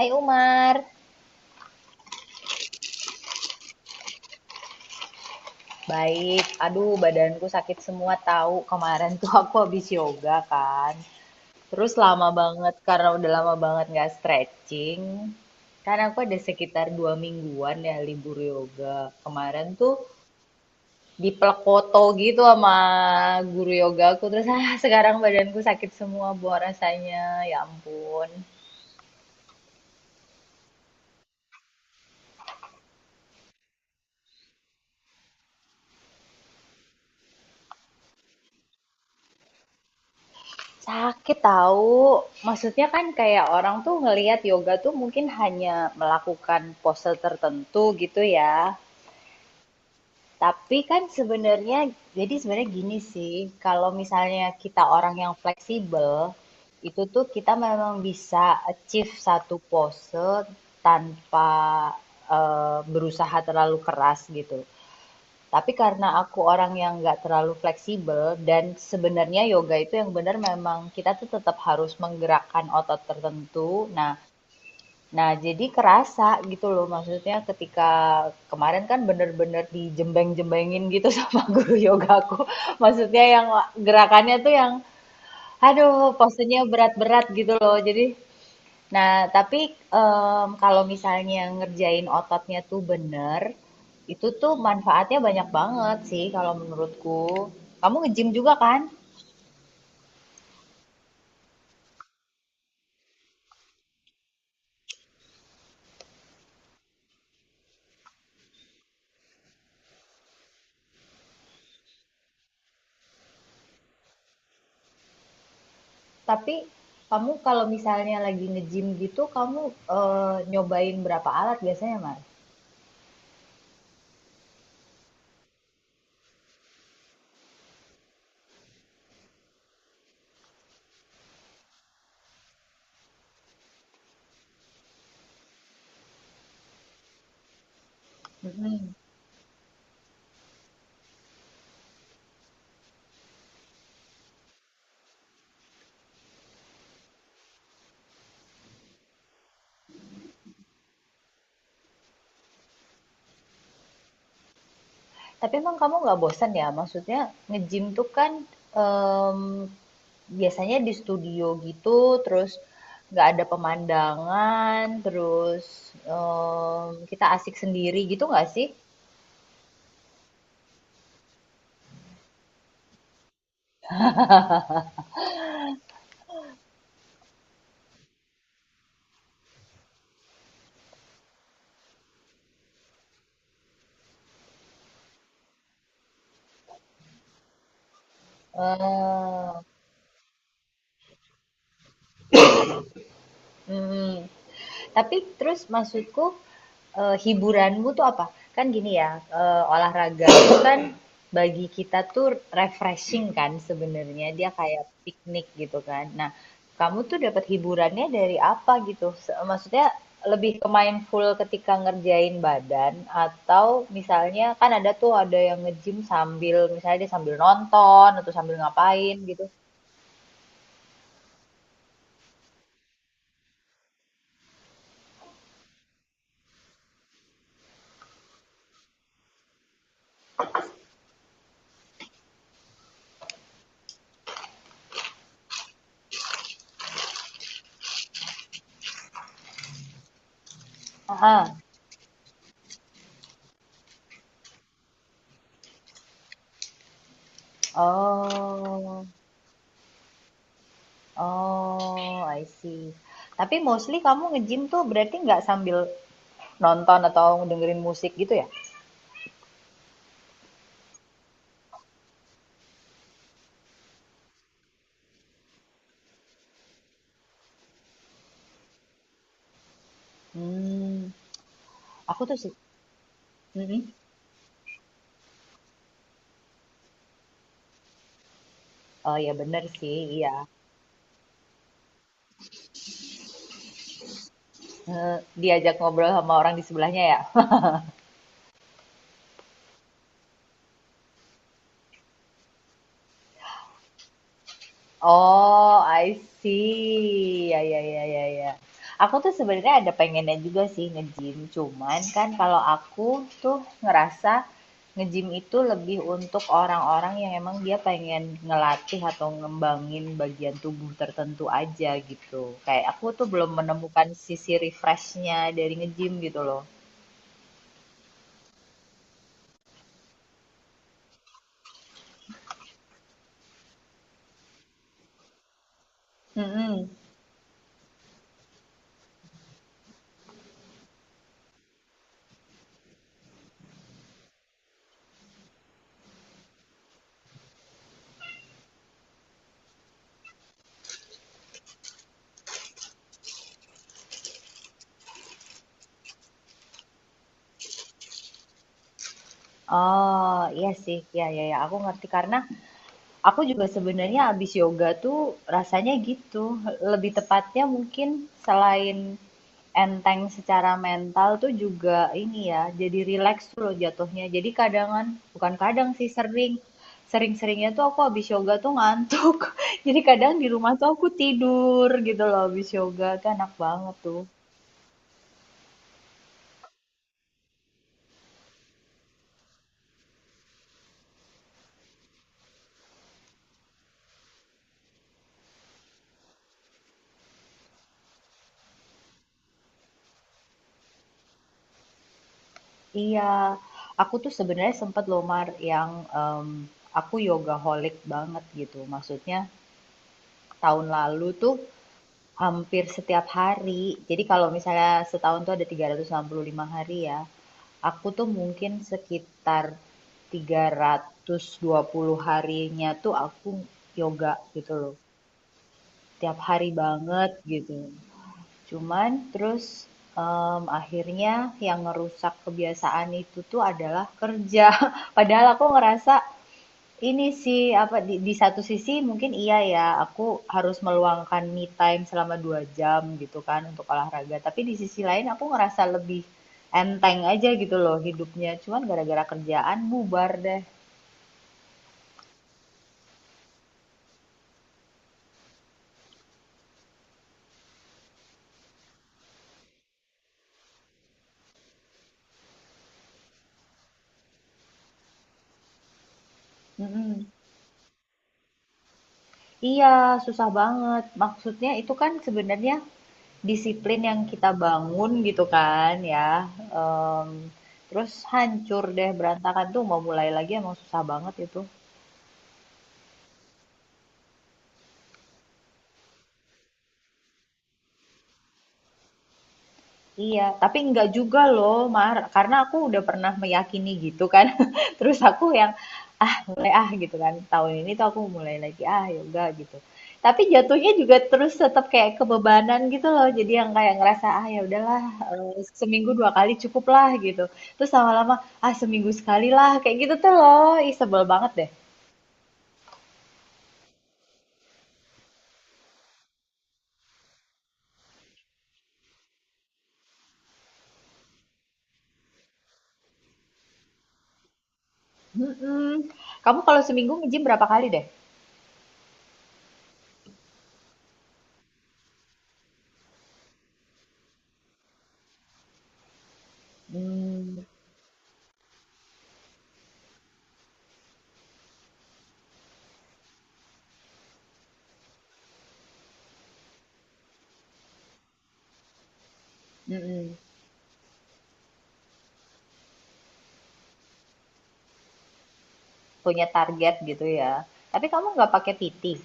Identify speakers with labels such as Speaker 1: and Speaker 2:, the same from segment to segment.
Speaker 1: Hai Umar. Baik, aduh badanku sakit semua tahu. Kemarin tuh aku habis yoga kan. Terus lama banget karena udah lama banget nggak stretching. Kan aku ada sekitar 2 mingguan ya libur yoga. Kemarin tuh dipelek foto gitu sama guru yoga aku. Terus sekarang badanku sakit semua buah rasanya. Ya ampun. Sakit tahu. Maksudnya kan kayak orang tuh ngelihat yoga tuh mungkin hanya melakukan pose tertentu gitu ya. Tapi kan sebenarnya jadi sebenarnya gini sih, kalau misalnya kita orang yang fleksibel, itu tuh kita memang bisa achieve satu pose tanpa berusaha terlalu keras gitu. Tapi karena aku orang yang nggak terlalu fleksibel dan sebenarnya yoga itu yang benar memang kita tuh tetap harus menggerakkan otot tertentu. Nah, nah, jadi kerasa gitu loh maksudnya ketika kemarin kan bener-bener dijembeng-jembengin gitu sama guru yoga aku. Maksudnya yang gerakannya tuh yang aduh posenya berat-berat gitu loh. Jadi. Nah, tapi, kalau misalnya ngerjain ototnya tuh bener, itu tuh manfaatnya banyak banget sih kalau menurutku. Kamu nge-gym juga kan? Tapi kamu kalau misalnya lagi nge-gym gitu kamu, nyobain berapa alat biasanya, Mas? Mhm. Tapi emang kamu nggak bosan ya? Maksudnya nge-gym tuh kan em, biasanya di studio gitu, terus nggak ada pemandangan, terus kita asik sendiri gitu nggak sih? Eh, mm, Tapi terus maksudku, hiburanmu tuh apa? Kan gini ya, olahraga itu kan bagi kita tuh refreshing kan sebenarnya, dia kayak piknik gitu kan. Nah, kamu tuh dapat hiburannya dari apa gitu? Maksudnya lebih ke mindful ketika ngerjain badan atau misalnya kan ada tuh ada yang nge-gym sambil misalnya dia sambil nonton atau sambil ngapain gitu? Heeh. Oh. Oh, I see. Tapi mostly kamu nge-gym tuh berarti nggak sambil nonton atau dengerin musik gitu ya? Hmm, aku tuh sih. Mhm. Oh ya bener sih, iya. Eh, diajak ngobrol sama orang di sebelahnya ya. Oh, I see. Ya ya ya ya ya. Aku tuh sebenarnya ada pengennya juga sih nge-gym, cuman kan kalau aku tuh ngerasa nge-gym itu lebih untuk orang-orang yang emang dia pengen ngelatih atau ngembangin bagian tubuh tertentu aja gitu. Kayak aku tuh belum menemukan sisi refreshnya dari nge-gym gitu loh. Mm-mm. Oh, iya sih. Ya ya ya, aku ngerti karena aku juga sebenarnya abis yoga tuh rasanya gitu. Lebih tepatnya mungkin selain enteng secara mental tuh juga ini ya, jadi relax tuh loh jatuhnya. Jadi kadangan, bukan kadang sih sering, sering-seringnya tuh aku abis yoga tuh ngantuk. Jadi kadang di rumah tuh aku tidur gitu loh abis yoga, kan enak banget tuh. Iya, aku tuh sebenarnya sempet loh Mar aku yoga holic banget gitu. Maksudnya tahun lalu tuh hampir setiap hari. Jadi kalau misalnya setahun tuh ada 365 hari ya, aku tuh mungkin sekitar 320 harinya tuh aku yoga gitu loh. Tiap hari banget gitu. Cuman terus akhirnya yang ngerusak kebiasaan itu tuh adalah kerja. Padahal aku ngerasa ini sih, apa, di satu sisi mungkin iya ya, aku harus meluangkan me time selama 2 jam gitu kan untuk olahraga, tapi di sisi lain aku ngerasa lebih enteng aja gitu loh hidupnya, cuman gara-gara kerjaan bubar deh. Mhm. Iya, susah banget. Maksudnya itu kan sebenarnya disiplin yang kita bangun gitu kan ya, Em, terus hancur deh berantakan tuh mau mulai lagi emang susah banget itu. Iya, tapi enggak juga loh, Mar. Karena aku udah pernah meyakini gitu kan. Terus aku yang, ah mulai ah gitu kan. Tahun ini tuh aku mulai lagi, ah yoga gitu. Tapi jatuhnya juga terus tetap kayak kebebanan gitu loh. Jadi yang kayak ngerasa, ah ya udahlah, seminggu 2 kali cukup lah gitu. Terus lama-lama, ah seminggu sekali lah. Kayak gitu tuh loh. Ih, sebel banget deh. Mm-mm. Kamu kalau seminggu nge-gym berapa kali deh? Hmm, mm-mm. Punya target gitu ya. Tapi kamu nggak pakai PT?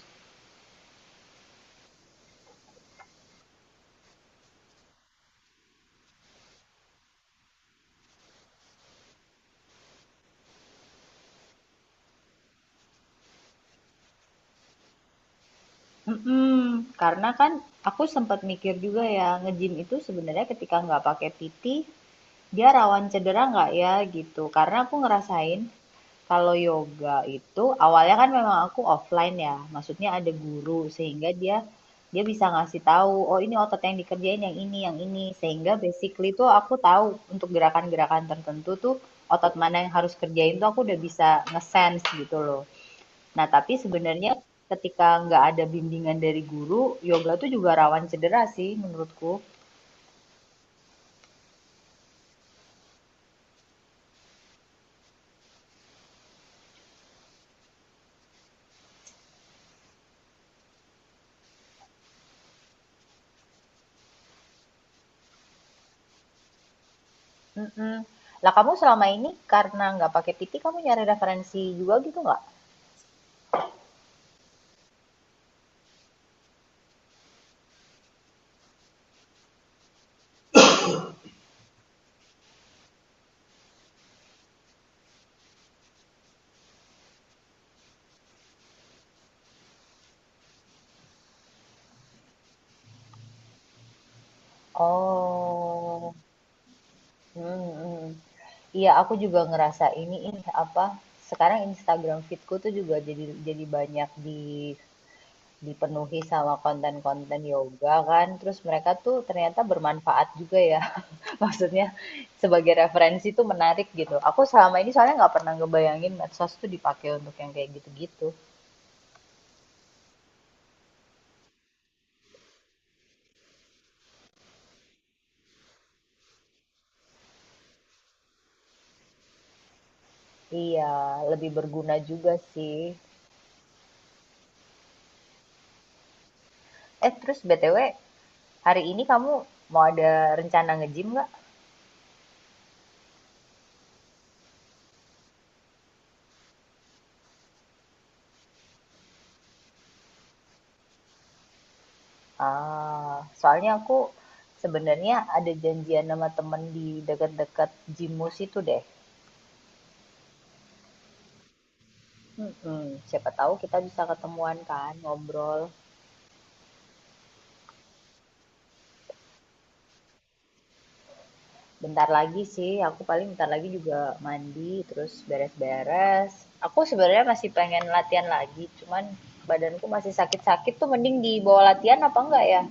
Speaker 1: Mhm, karena kan aku sempat mikir juga ya, nge-gym itu sebenarnya ketika nggak pakai PT, dia rawan cedera nggak ya gitu. Karena aku ngerasain kalau yoga itu awalnya kan memang aku offline ya, maksudnya ada guru sehingga dia dia bisa ngasih tahu, oh ini otot yang dikerjain yang ini, yang ini. Sehingga basically tuh aku tahu untuk gerakan-gerakan tertentu tuh otot mana yang harus kerjain tuh aku udah bisa nge-sense gitu loh. Nah, tapi sebenarnya ketika nggak ada bimbingan dari guru, yoga tuh juga rawan cedera sih menurutku. Mm-mm. Lah kamu selama ini karena nggak pakai PT kamu nyari referensi juga gitu nggak? Oh, hmm, iya aku juga ngerasa ini apa? Sekarang Instagram feedku tuh juga jadi banyak di dipenuhi sama konten-konten yoga kan. Terus mereka tuh ternyata bermanfaat juga ya. Maksudnya sebagai referensi itu menarik gitu. Aku selama ini soalnya nggak pernah ngebayangin medsos tuh dipakai untuk yang kayak gitu-gitu. Iya, lebih berguna juga sih. Terus BTW, hari ini kamu mau ada rencana nge-gym nggak? Ah, soalnya aku sebenarnya ada janjian sama temen di dekat-dekat gymmu itu deh. Mm-mm, siapa tahu kita bisa ketemuan kan, ngobrol. Bentar lagi sih, aku paling bentar lagi juga mandi, terus beres-beres. Aku sebenarnya masih pengen latihan lagi, cuman badanku masih sakit-sakit tuh mending dibawa latihan apa enggak ya?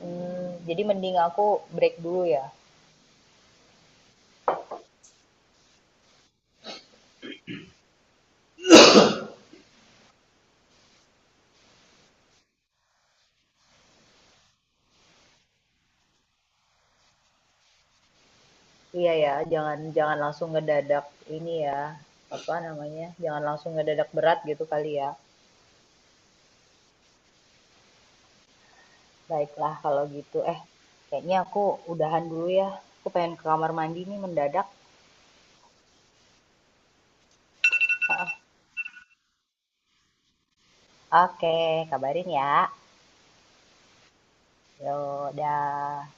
Speaker 1: Hmm, jadi mending aku break dulu ya. Iya ya, jangan jangan langsung ngedadak ini ya. Apa namanya? Jangan langsung ngedadak berat gitu kali ya. Baiklah kalau gitu. Kayaknya aku udahan dulu ya. Aku pengen ke kamar mandi nih mendadak. Ah, oke, kabarin ya. Ya udah.